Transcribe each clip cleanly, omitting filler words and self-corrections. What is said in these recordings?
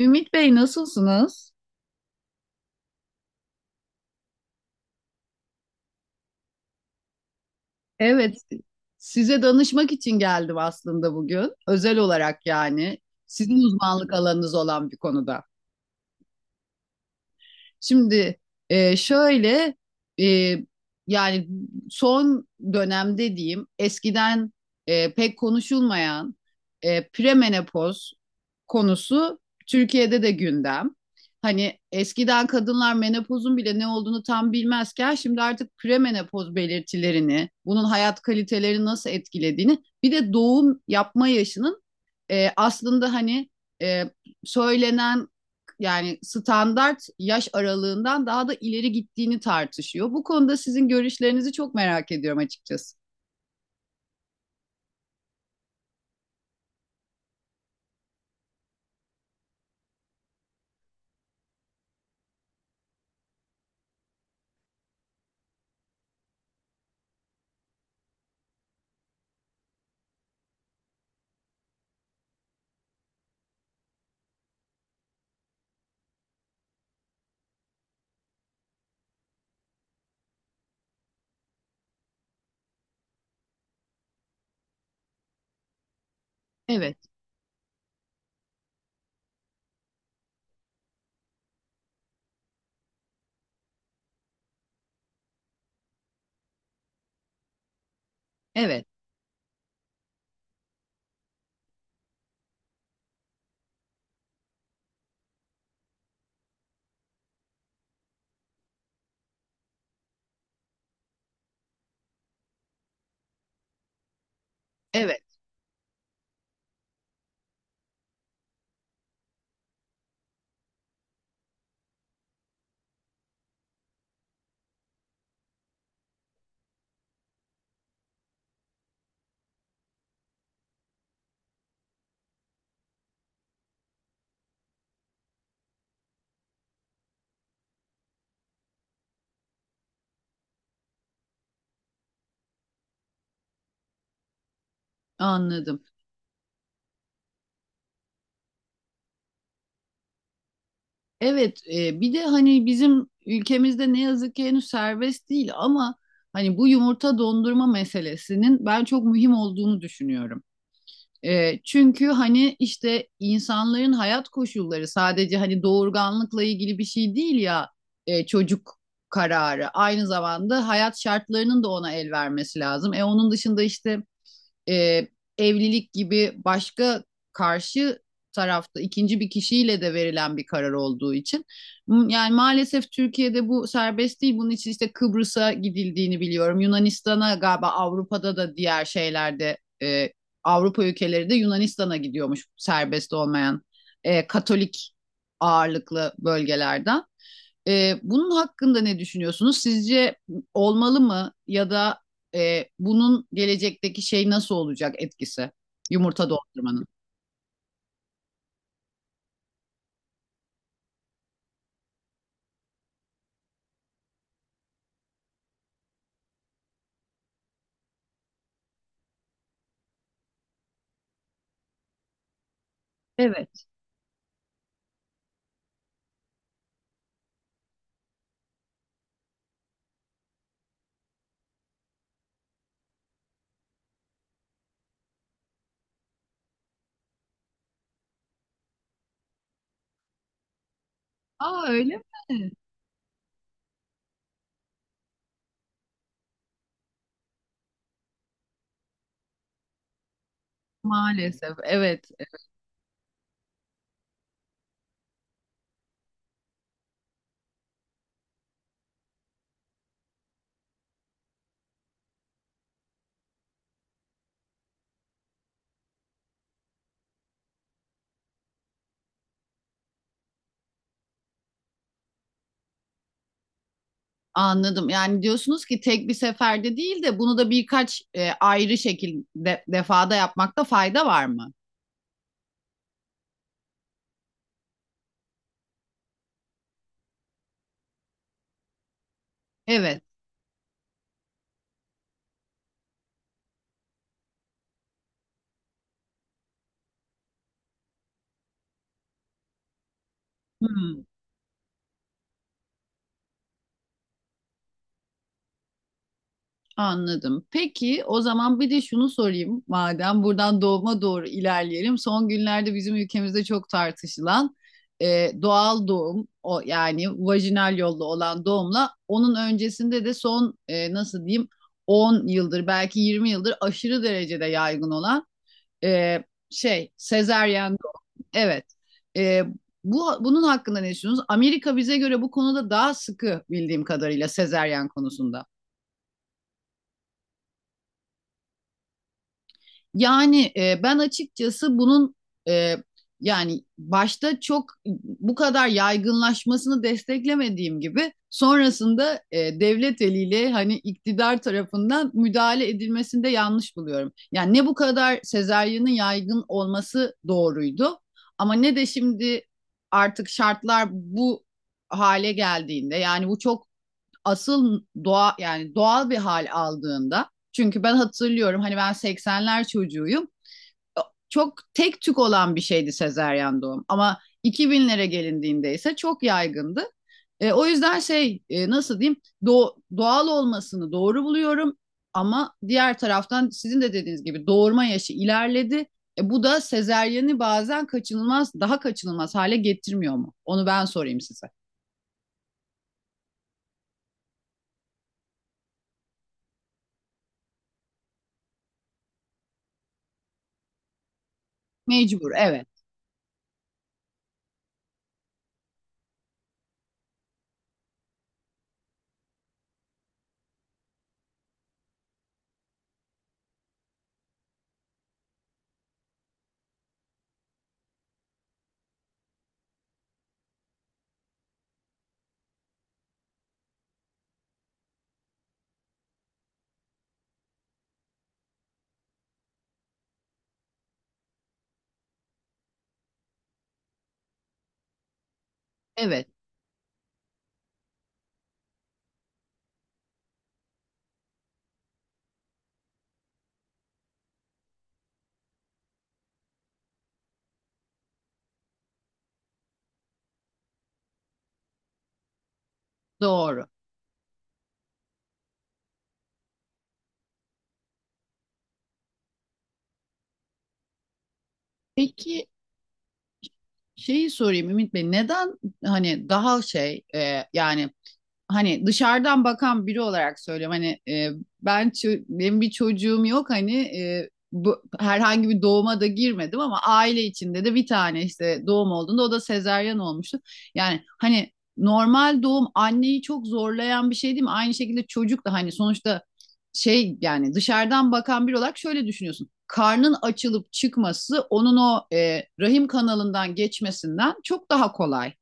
Ümit Bey, nasılsınız? Evet, size danışmak için geldim aslında bugün. Özel olarak yani. Sizin uzmanlık alanınız olan bir konuda. Şimdi e, şöyle e, yani son dönemde diyeyim eskiden pek konuşulmayan premenopoz konusu Türkiye'de de gündem. Hani eskiden kadınlar menopozun bile ne olduğunu tam bilmezken şimdi artık premenopoz belirtilerini, bunun hayat kalitelerini nasıl etkilediğini, bir de doğum yapma yaşının aslında hani e, söylenen yani standart yaş aralığından daha da ileri gittiğini tartışıyor. Bu konuda sizin görüşlerinizi çok merak ediyorum açıkçası. Evet, evet, evet. Anladım. Evet, bir de hani bizim ülkemizde ne yazık ki henüz serbest değil ama hani bu yumurta dondurma meselesinin ben çok mühim olduğunu düşünüyorum. E, çünkü hani işte insanların hayat koşulları sadece hani doğurganlıkla ilgili bir şey değil ya, çocuk kararı. Aynı zamanda hayat şartlarının da ona el vermesi lazım. E onun dışında işte e, evlilik gibi başka karşı tarafta ikinci bir kişiyle de verilen bir karar olduğu için. Yani maalesef Türkiye'de bu serbest değil. Bunun için işte Kıbrıs'a gidildiğini biliyorum. Yunanistan'a galiba Avrupa'da da diğer şeylerde Avrupa ülkeleri de Yunanistan'a gidiyormuş serbest olmayan Katolik ağırlıklı bölgelerden. Bunun hakkında ne düşünüyorsunuz? Sizce olmalı mı ya da bunun gelecekteki şey nasıl olacak etkisi yumurta doldurmanın? Evet. Aa, öyle mi? Maalesef evet, anladım. Yani diyorsunuz ki tek bir seferde değil de bunu da birkaç ayrı şekilde defada yapmakta fayda var mı? Evet. Hmm. Anladım. Peki, o zaman bir de şunu sorayım, madem buradan doğuma doğru ilerleyelim. Son günlerde bizim ülkemizde çok tartışılan doğal doğum o yani vajinal yolla olan doğumla onun öncesinde de son e, nasıl diyeyim 10 yıldır belki 20 yıldır aşırı derecede yaygın olan e, şey sezeryen doğum. Evet. E, bu bunun hakkında ne düşünüyorsunuz? Amerika bize göre bu konuda daha sıkı bildiğim kadarıyla sezeryen konusunda. Yani ben açıkçası bunun e, yani başta çok bu kadar yaygınlaşmasını desteklemediğim gibi sonrasında devlet eliyle hani iktidar tarafından müdahale edilmesini de yanlış buluyorum. Yani ne bu kadar sezaryenin yaygın olması doğruydu ama ne de şimdi artık şartlar bu hale geldiğinde, yani bu çok asıl doğa yani doğal bir hal aldığında, çünkü ben hatırlıyorum hani, ben seksenler çocuğuyum. Çok tek tük olan bir şeydi sezeryan doğum, ama 2000'lere gelindiğinde ise çok yaygındı. E, o yüzden şey, doğal olmasını doğru buluyorum ama diğer taraftan sizin de dediğiniz gibi doğurma yaşı ilerledi. E, bu da sezeryeni bazen kaçınılmaz, daha kaçınılmaz hale getirmiyor mu? Onu ben sorayım size. Mecbur, evet, evet, doğru. Peki, şeyi sorayım Ümit Bey, neden hani daha şey, yani hani dışarıdan bakan biri olarak söylüyorum hani, benim bir çocuğum yok hani, bu, herhangi bir doğuma da girmedim, ama aile içinde de bir tane işte doğum olduğunda o da sezaryen olmuştu. Yani hani normal doğum anneyi çok zorlayan bir şey değil mi? Aynı şekilde çocuk da hani sonuçta şey, yani dışarıdan bakan biri olarak şöyle düşünüyorsun. Karnın açılıp çıkması onun o rahim kanalından geçmesinden çok daha kolay.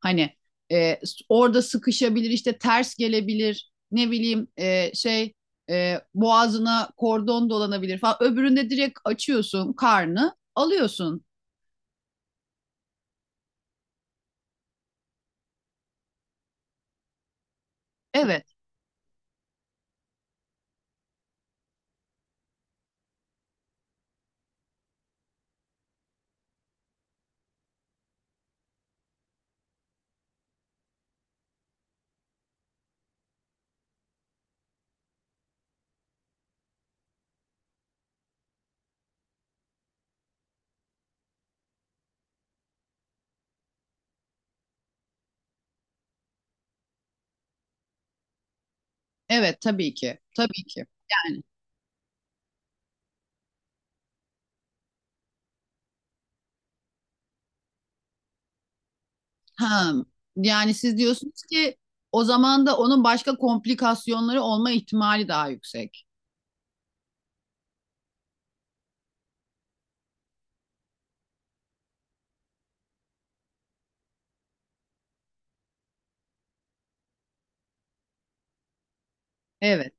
Hani e, orada sıkışabilir, işte ters gelebilir, ne bileyim boğazına kordon dolanabilir falan. Öbüründe direkt açıyorsun, karnı alıyorsun. Evet, evet, tabii ki, tabii ki. Yani, ha, yani siz diyorsunuz ki o zaman da onun başka komplikasyonları olma ihtimali daha yüksek. Evet,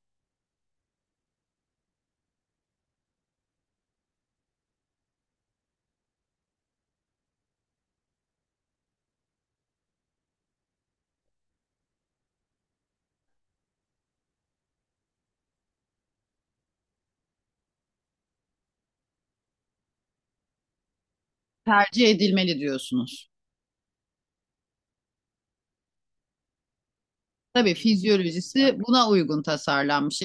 tercih edilmeli diyorsunuz. Tabii, fizyolojisi buna uygun tasarlanmış.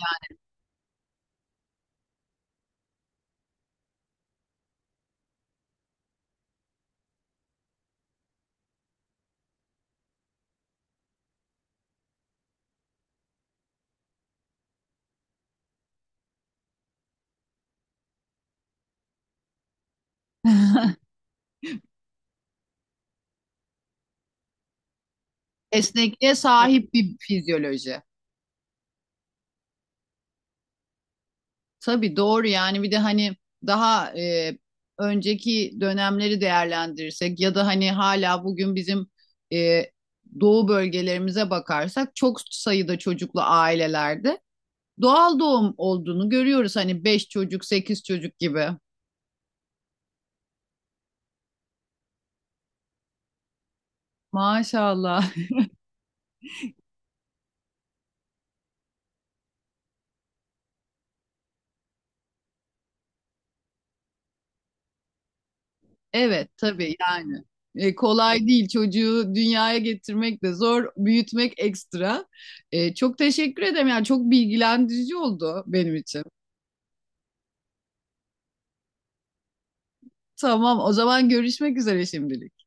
Yani esnekliğe sahip bir fizyoloji. Tabii, doğru yani. Bir de hani daha önceki dönemleri değerlendirirsek ya da hani hala bugün bizim e, doğu bölgelerimize bakarsak çok sayıda çocuklu ailelerde doğal doğum olduğunu görüyoruz. Hani 5 çocuk, 8 çocuk gibi. Maşallah. Evet, tabii yani. E, kolay değil, çocuğu dünyaya getirmek de zor, büyütmek ekstra. E, çok teşekkür ederim, yani çok bilgilendirici oldu benim için. Tamam, o zaman görüşmek üzere şimdilik.